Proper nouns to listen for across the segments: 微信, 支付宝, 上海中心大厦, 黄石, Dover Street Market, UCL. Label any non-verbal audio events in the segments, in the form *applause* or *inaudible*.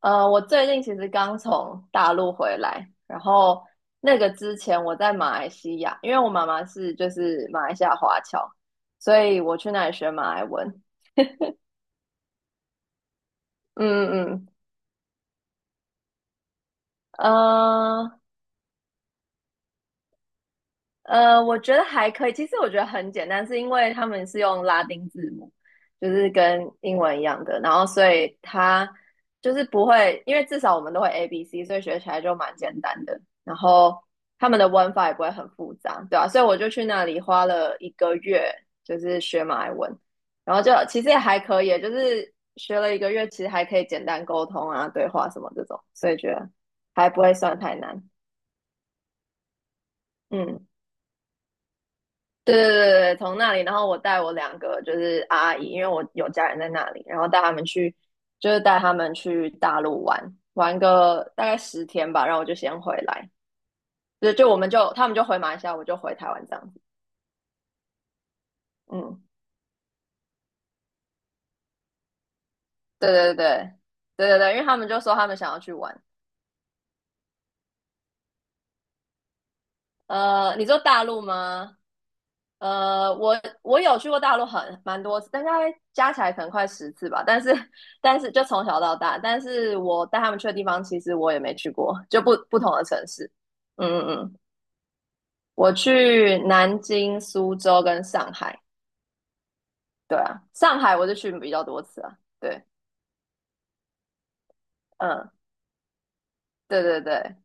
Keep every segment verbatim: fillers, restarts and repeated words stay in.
呃，我最近其实刚从大陆回来，然后那个之前我在马来西亚，因为我妈妈是就是马来西亚华侨，所以我去那里学马来文。嗯嗯，嗯。呃呃，我觉得还可以。其实我觉得很简单，是因为他们是用拉丁字母，就是跟英文一样的，然后所以它就是不会，因为至少我们都会 A B C，所以学起来就蛮简单的。然后他们的文法也不会很复杂，对啊，所以我就去那里花了一个月，就是学马来文，然后就其实也还可以，就是学了一个月，其实还可以简单沟通啊、对话什么这种，所以觉得还不会算太难。嗯。对对对对，从那里，然后我带我两个就是阿姨，因为我有家人在那里，然后带他们去，就是带他们去大陆玩，玩个大概十天吧，然后我就先回来，对，就我们就他们就回马来西亚，我就回台湾这样子，嗯，对对对对对对，因为他们就说他们想要去玩，呃，你说大陆吗？呃，我我有去过大陆很蛮多次，但大概加起来可能快十次吧。但是但是就从小到大，但是我带他们去的地方，其实我也没去过，就不不同的城市。嗯嗯嗯，我去南京、苏州跟上海。对啊，上海我就去比较多次啊。对，嗯，对对对。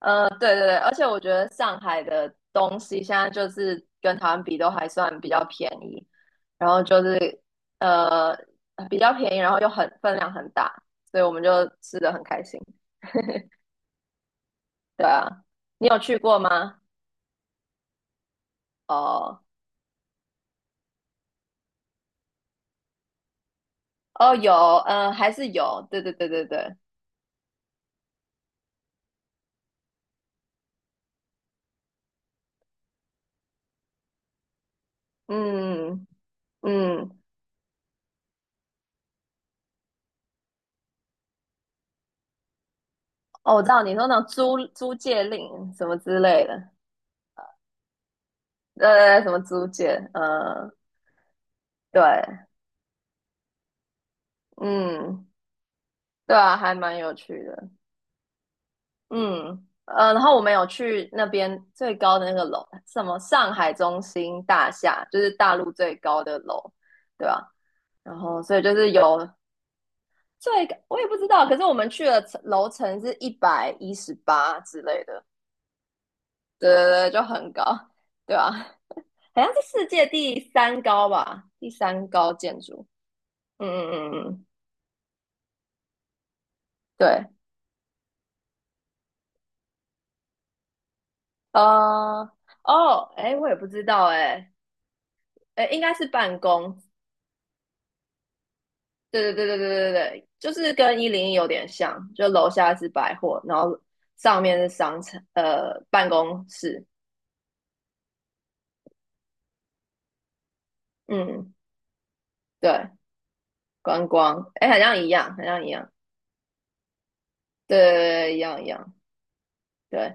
呃，对对对，而且我觉得上海的东西现在就是跟台湾比都还算比较便宜，然后就是呃比较便宜，然后又很分量很大，所以我们就吃的很开心。*laughs* 对啊，你有去过吗？哦哦，有，嗯、呃，还是有，对对对对对，嗯嗯，哦，我知道你说那种租租借令什么之类的，对对对，什么租借，呃，对，嗯，对啊，还蛮有趣的。嗯，呃，然后我们有去那边最高的那个楼，什么上海中心大厦，就是大陆最高的楼，对吧？然后所以就是有最，我也不知道，可是我们去了楼层是一百一十八之类的，对对对，就很高，对吧？*laughs* 好像是世界第三高吧，第三高建筑。嗯嗯嗯嗯，对，啊，哦，哎，我也不知道，哎，哎，应该是办公，对对对对对对对，就是跟一零一有点像，就楼下是百货，然后上面是商场，呃，办公室，嗯，对，观光，哎，好像一样，好像一样，对对对，一样一样。对，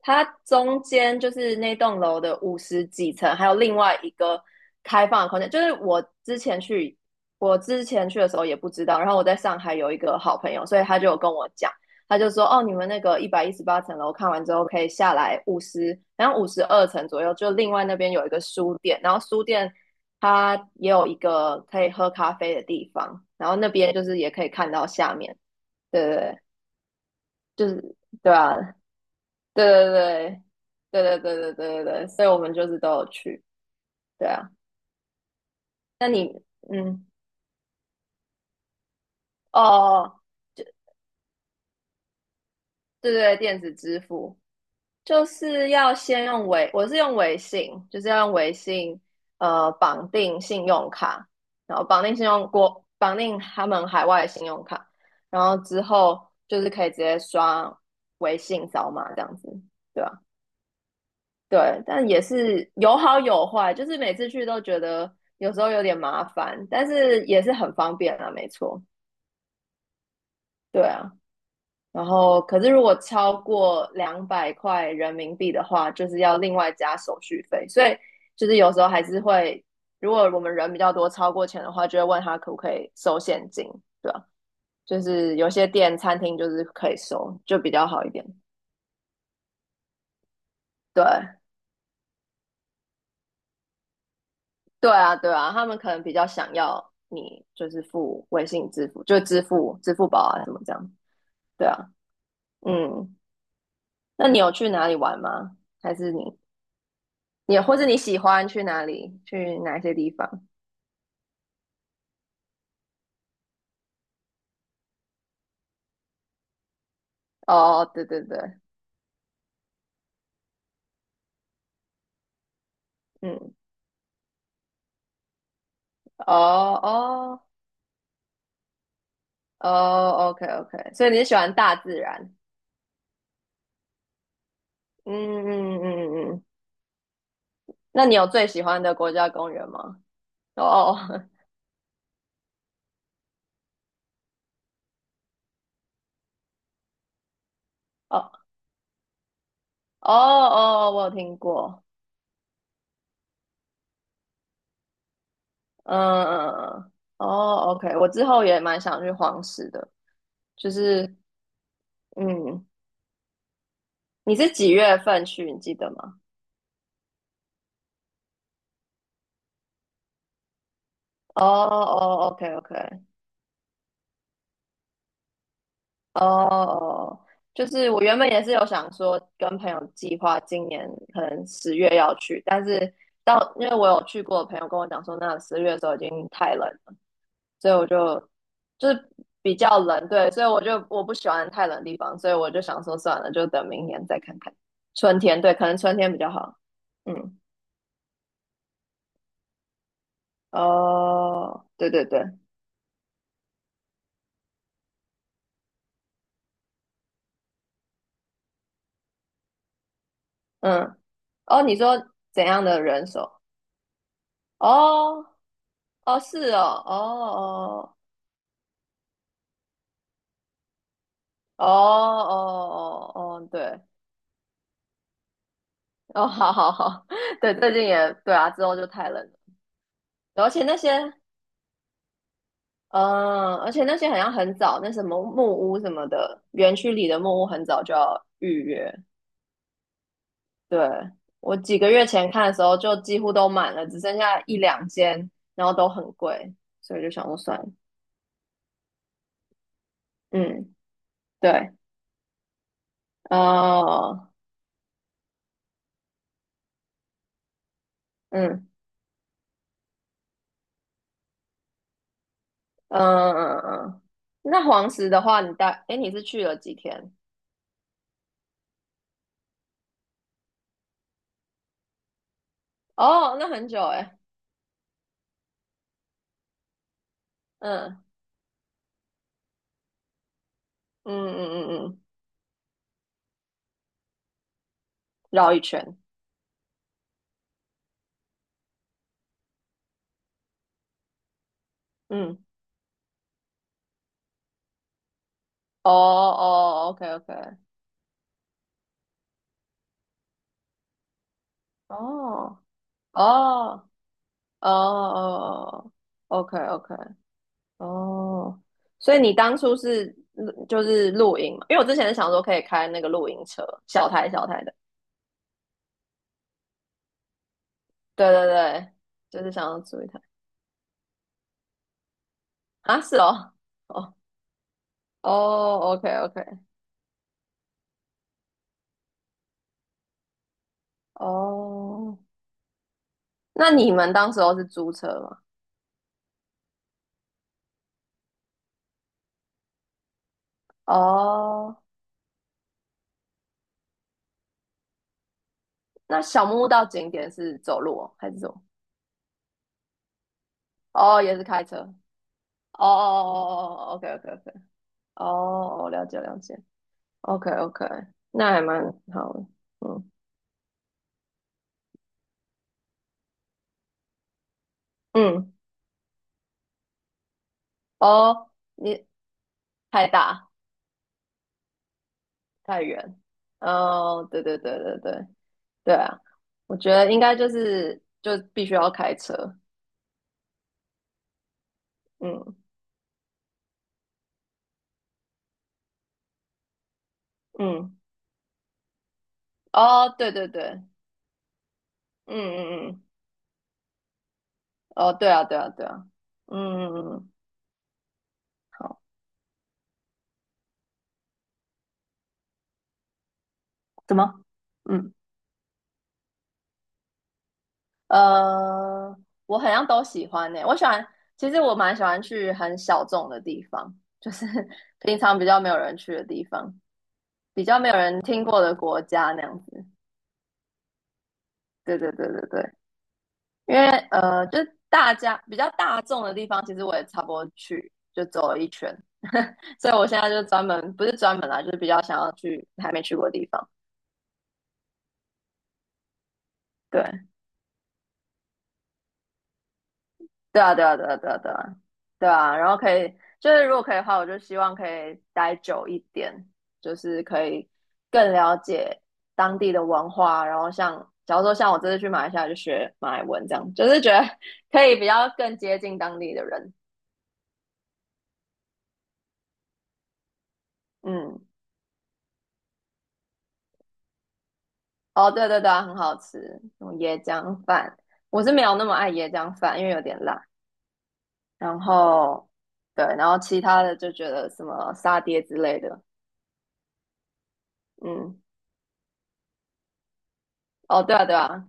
它中间就是那栋楼的五十几层，还有另外一个开放的空间。就是我之前去，我之前去的时候也不知道，然后我在上海有一个好朋友，所以他就有跟我讲，他就说哦，你们那个一百一十八层楼看完之后可以下来五十，然后五十二层左右，就另外那边有一个书店，然后书店它也有一个可以喝咖啡的地方，然后那边就是也可以看到下面，对对对，就是对啊，对对对对对对对对对对，所以我们就是都有去，对啊。那你，嗯，哦哦，就对对，电子支付就是要先用微，我是用微信，就是要用微信，呃，绑定信用卡，然后绑定信用国，绑定他们海外的信用卡，然后之后就是可以直接刷微信扫码这样子，对啊对，但也是有好有坏，就是每次去都觉得有时候有点麻烦，但是也是很方便啊，没错，对啊。然后，可是如果超过两百块人民币的话，就是要另外加手续费，所以就是有时候还是会，如果我们人比较多，超过钱的话，就会问他可不可以收现金，对啊，就是有些店餐厅就是可以收，就比较好一点，对。对啊，对啊，他们可能比较想要你就是付微信支付，就支付支付宝啊什么这样。对啊，嗯，那你有去哪里玩吗？还是你你或是你喜欢去哪里？去哪些地方？哦，对对对，嗯，哦哦哦，OK OK，所以你是喜欢大自然？嗯嗯嗯嗯嗯，那你有最喜欢的国家公园吗？哦哦哦哦哦，我有听过，嗯嗯嗯，哦，OK，我之后也蛮想去黄石的，就是嗯，你是几月份去？你记得吗？哦哦，OK OK，哦哦，就是我原本也是有想说跟朋友计划今年可能十月要去，但是到因为我有去过的朋友跟我讲说，那十月的时候已经太冷所以我就就是比较冷，对，所以我就我不喜欢太冷的地方，所以我就想说算了，就等明年再看看。春天，对，可能春天比较好。嗯，哦，对对对，嗯，哦，你说怎样的人手？哦，哦，是哦，哦哦哦哦哦哦，对，哦，好好好，*laughs* 对，最近也对啊，之后就太冷了，而且那些嗯，而且那些好像很早，那什么木屋什么的，园区里的木屋很早就要预约。对，我几个月前看的时候，就几乎都满了，只剩下一两间，然后都很贵，所以就想说算了。嗯，对，哦，嗯嗯嗯嗯，嗯那黄石的话，你大，诶，你是去了几天？哦，那很久诶。嗯嗯嗯嗯嗯，绕一圈。嗯，哦哦，OK OK，哦哦。哦哦哦哦，OK OK，哦，所以你当初是就是露营嘛？因为我之前是想说可以开那个露营车，小台小台的，对对对，就是想要租一台啊，是哦，哦哦，OK OK，哦，那你们当时候是租车吗？哦，那小木屋到景点是走路哦，还是走？哦，也是开车。哦哦哦哦哦，OK OK OK，哦，哦了解了解。OK OK，那还蛮好的。嗯嗯，哦，你太大太远。哦，对对对对对对啊，我觉得应该就是就必须要开车。嗯嗯，哦，对对对，嗯嗯嗯，哦，对啊对啊对啊，嗯嗯嗯，好，怎么？嗯呃，我好像都喜欢呢、我喜欢，其实我蛮喜欢去很小众的地方，就是 *laughs* 平常比较没有人去的地方。比较没有人听过的国家那样子。对对对对对，因为呃，就是大家比较大众的地方，其实我也差不多去就走了一圈，*laughs* 所以我现在就专门不是专门啦，就是比较想要去还没去过的地方。对，对啊，对啊，对啊，对啊，对啊，对啊，然后可以，就是如果可以的话，我就希望可以待久一点，就是可以更了解当地的文化，然后像，假如说像我这次去马来西亚就学马来文，这样就是觉得 *laughs* 可以比较更接近当地的人。嗯，哦，对对对啊，很好吃，什么椰浆饭，我是没有那么爱椰浆饭，因为有点辣。然后，对，然后其他的就觉得什么沙爹之类的，嗯。哦，对啊，对啊，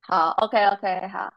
好，OK OK，好，